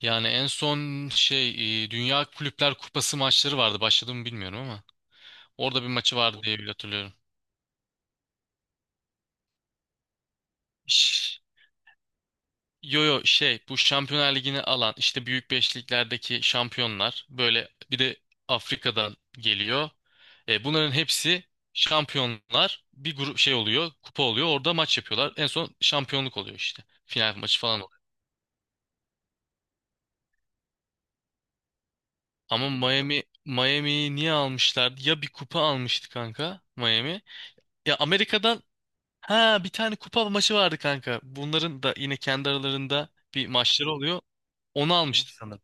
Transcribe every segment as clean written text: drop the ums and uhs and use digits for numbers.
Yani en son şey Dünya Kulüpler Kupası maçları vardı. Başladı mı bilmiyorum ama. Orada bir maçı vardı diye bile hatırlıyorum. Ş- Yo, yo, şey bu Şampiyonlar Ligi'ni alan işte büyük beşliklerdeki şampiyonlar, böyle bir de Afrika'dan geliyor. E, bunların hepsi şampiyonlar bir grup, şey oluyor, kupa oluyor, orada maç yapıyorlar. En son şampiyonluk oluyor işte, final maçı falan oluyor. Ama Miami'yi niye almışlardı? Ya bir kupa almıştı kanka Miami. Ya Amerika'dan. Ha, bir tane kupa maçı vardı kanka. Bunların da yine kendi aralarında bir maçları oluyor. Onu almıştı sanırım.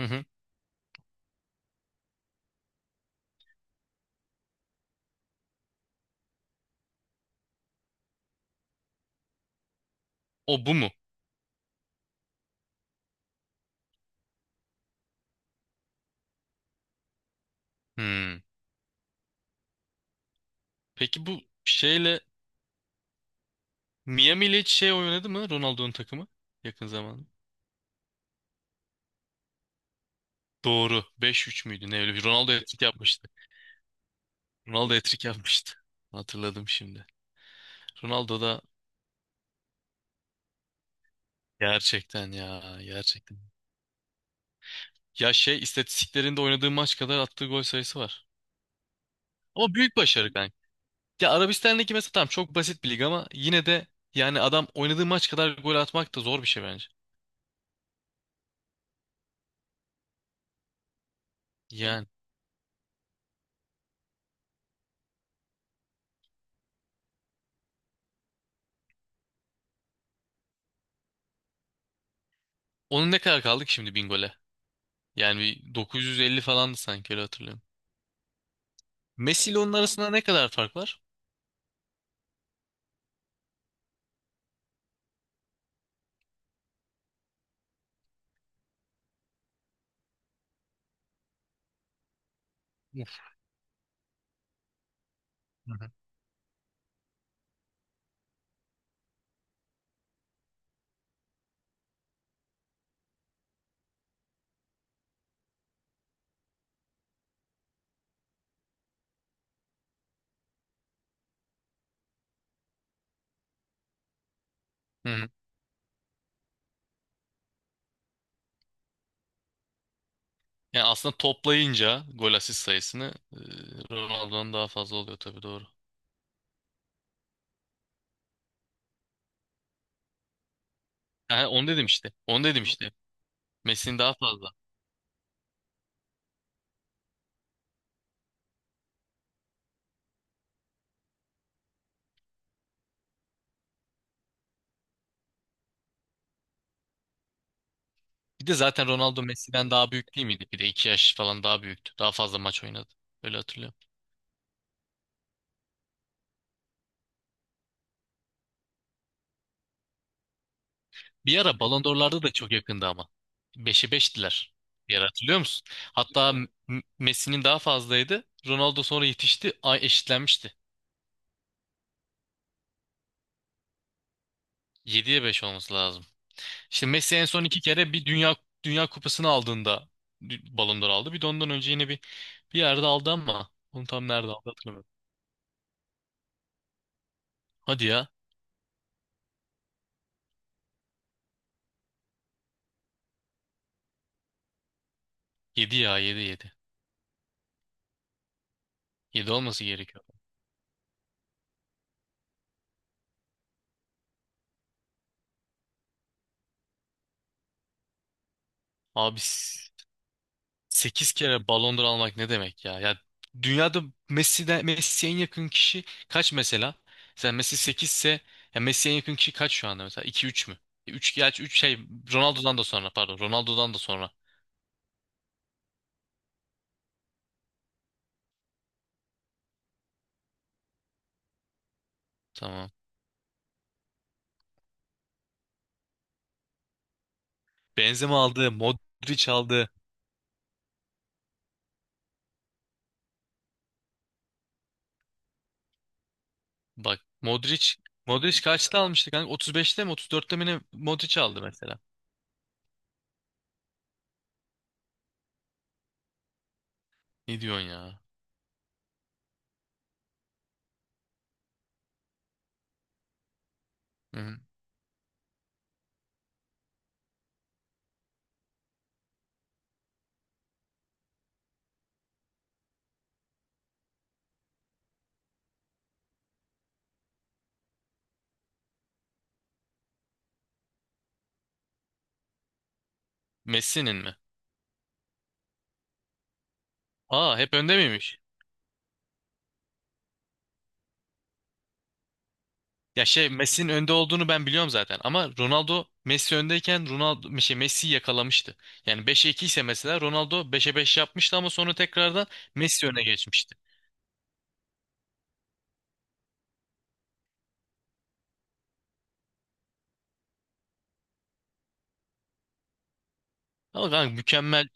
Hı hı. O bu mu? Hmm. Peki bu şeyle Miami ile hiç şey oynadı mı Ronaldo'nun takımı yakın zamanda? Doğru. 5-3 müydü? Ne öyle, bir Ronaldo hat-trick yapmıştı. Ronaldo hat-trick yapmıştı. Hatırladım şimdi. Ronaldo da gerçekten ya, gerçekten. Ya şey istatistiklerinde oynadığı maç kadar attığı gol sayısı var. Ama büyük başarı. Ya Arabistan'daki mesela, tamam çok basit bir lig ama yine de yani adam oynadığı maç kadar gol atmak da zor bir şey bence. Yani onun ne kadar kaldı ki şimdi bin gole? Yani bir 950 falandı sanki, öyle hatırlıyorum. Messi ile onun arasında ne kadar fark var? Uf. Hı hı. Hı hı. Yani aslında toplayınca gol asist sayısını Ronaldo'nun daha fazla oluyor tabii, doğru. Ha, onu dedim işte. Onu dedim işte. Messi'nin daha fazla. Bir de zaten Ronaldo Messi'den daha büyük değil miydi? Bir de 2 yaş falan daha büyüktü. Daha fazla maç oynadı. Öyle hatırlıyorum. Bir ara Ballon d'Or'larda da çok yakındı ama. Beşe 5'tiler. Bir ara hatırlıyor musun? Hatta Messi'nin daha fazlaydı. Ronaldo sonra yetişti. Ay, eşitlenmişti. Yediye 5 olması lazım. İşte Messi en son iki kere bir dünya kupasını aldığında Ballon d'Or aldı. Bir de ondan önce yine bir yerde aldı ama onu tam nerede aldı hatırlamıyorum. Hadi ya. Yedi ya, yedi, yedi, 7 olması gerekiyor. Abi 8 kere Ballon d'Or almak ne demek ya? Ya dünyada Messi'ye en yakın kişi kaç mesela? Mesela Messi 8 ise, ya Messi'ye en yakın kişi kaç şu anda mesela? 2 3 mü? 3, gerçi 3 şey, Ronaldo'dan da sonra, pardon. Ronaldo'dan da sonra. Tamam. Benzema aldı, Modric aldı. Bak Modric kaçta almıştı kanka? 35'te mi 34'te mi ne Modric aldı mesela? Ne diyorsun ya? Hı hı. Messi'nin mi? Aa, hep önde miymiş? Ya şey Messi'nin önde olduğunu ben biliyorum zaten, ama Ronaldo Messi öndeyken Ronaldo şey Messi'yi yakalamıştı. Yani beşe 2 ise mesela, Ronaldo beşe 5 yapmıştı ama sonra tekrardan Messi öne geçmişti. Ama kanka mükemmel,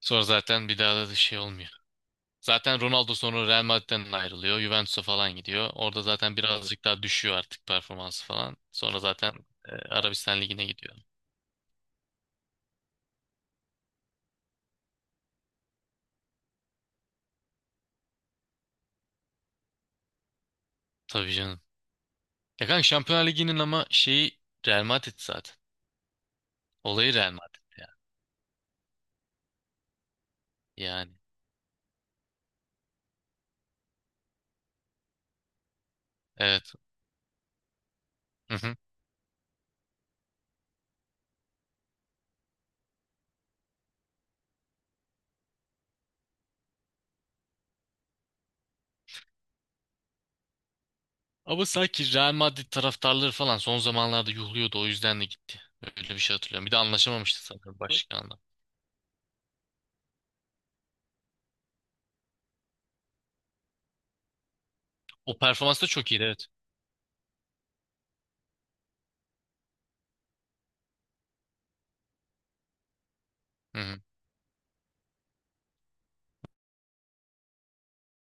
sonra zaten bir daha da şey olmuyor. Zaten Ronaldo sonra Real Madrid'den ayrılıyor. Juventus'a falan gidiyor. Orada zaten birazcık daha düşüyor artık performansı falan. Sonra zaten Arabistan Ligi'ne gidiyor. Tabii canım. Ya kanka Şampiyonlar Ligi'nin ama şeyi Real Madrid zaten. Olayı Real Madrid ya. Yani. Evet. Ama sanki Real Madrid taraftarları falan son zamanlarda yuhluyordu, o yüzden de gitti. Öyle bir şey hatırlıyorum. Bir de anlaşamamıştı sanırım başkanla. O performans da çok iyiydi, evet. Hı hı.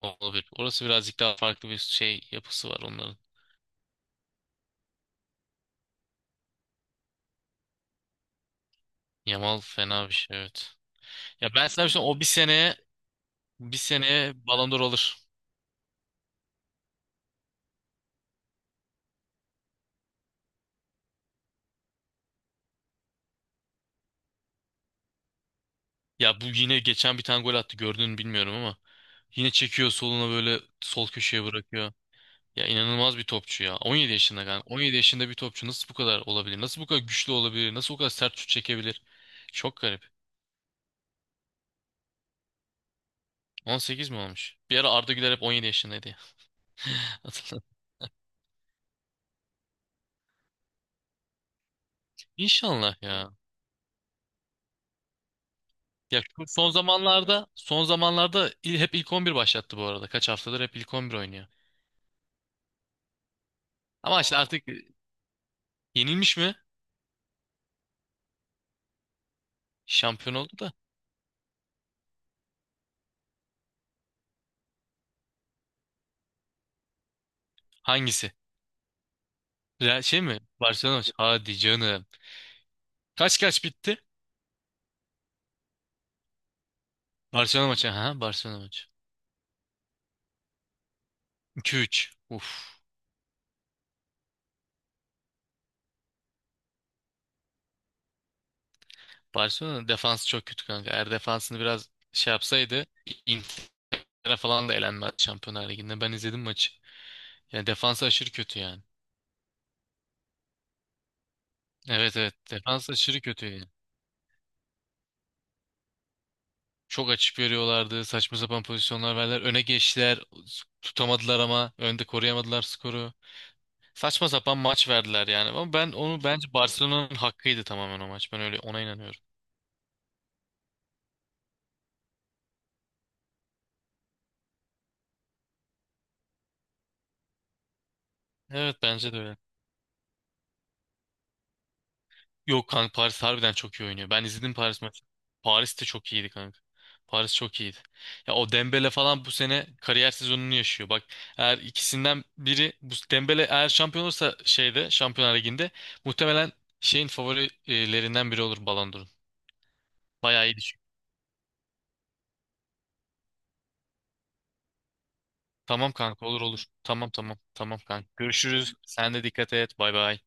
Olabilir. Orası birazcık daha farklı bir şey, yapısı var onların. Yamal fena bir şey, evet. Ya ben sana bir şey söyleyeyim, o bir seneye Ballon d'Or alır. Ya bu yine geçen bir tane gol attı, gördün mü bilmiyorum ama yine çekiyor soluna, böyle sol köşeye bırakıyor. Ya inanılmaz bir topçu ya. 17 yaşında yani. 17 yaşında bir topçu nasıl bu kadar olabilir? Nasıl bu kadar güçlü olabilir? Nasıl bu kadar sert şut çekebilir? Çok garip. 18 mi olmuş? Bir ara Arda Güler hep 17 yaşındaydı ya. Hatırladım. İnşallah ya. Ya şu son zamanlarda hep ilk 11 başlattı bu arada. Kaç haftadır hep ilk 11 oynuyor. Ama işte artık yenilmiş mi? Şampiyon oldu da. Hangisi? Real şey mi? Barcelona maçı. Hadi canım. Kaç kaç bitti? Barcelona maçı. Ha, Barcelona maçı. 2-3. Uf. Barcelona'nın defansı çok kötü kanka. Eğer defansını biraz şey yapsaydı, Inter'e falan da elenmez Şampiyonlar Ligi'nde. Ben izledim maçı. Yani defansı aşırı kötü yani. Evet, evet, defans aşırı kötü yani. Çok açık veriyorlardı. Saçma sapan pozisyonlar verdiler. Öne geçtiler. Tutamadılar ama önde koruyamadılar skoru. Saçma sapan maç verdiler yani. Ama ben onu, bence Barcelona'nın hakkıydı tamamen o maç. Ben öyle ona inanıyorum. Evet, bence de öyle. Yok kanka, Paris harbiden çok iyi oynuyor. Ben izledim Paris maçı. Paris de çok iyiydi kanka. Paris çok iyiydi. Ya o Dembele falan bu sene kariyer sezonunu yaşıyor. Bak, eğer ikisinden biri, bu Dembele eğer şampiyon olursa şeyde, Şampiyonlar Ligi'nde, muhtemelen şeyin favorilerinden biri olur Ballon d'Or'un. Bayağı iyi düşün. Tamam kanka, olur olur. Tamam, tamam, tamam kanka. Görüşürüz. Sen de dikkat et. Bay bay.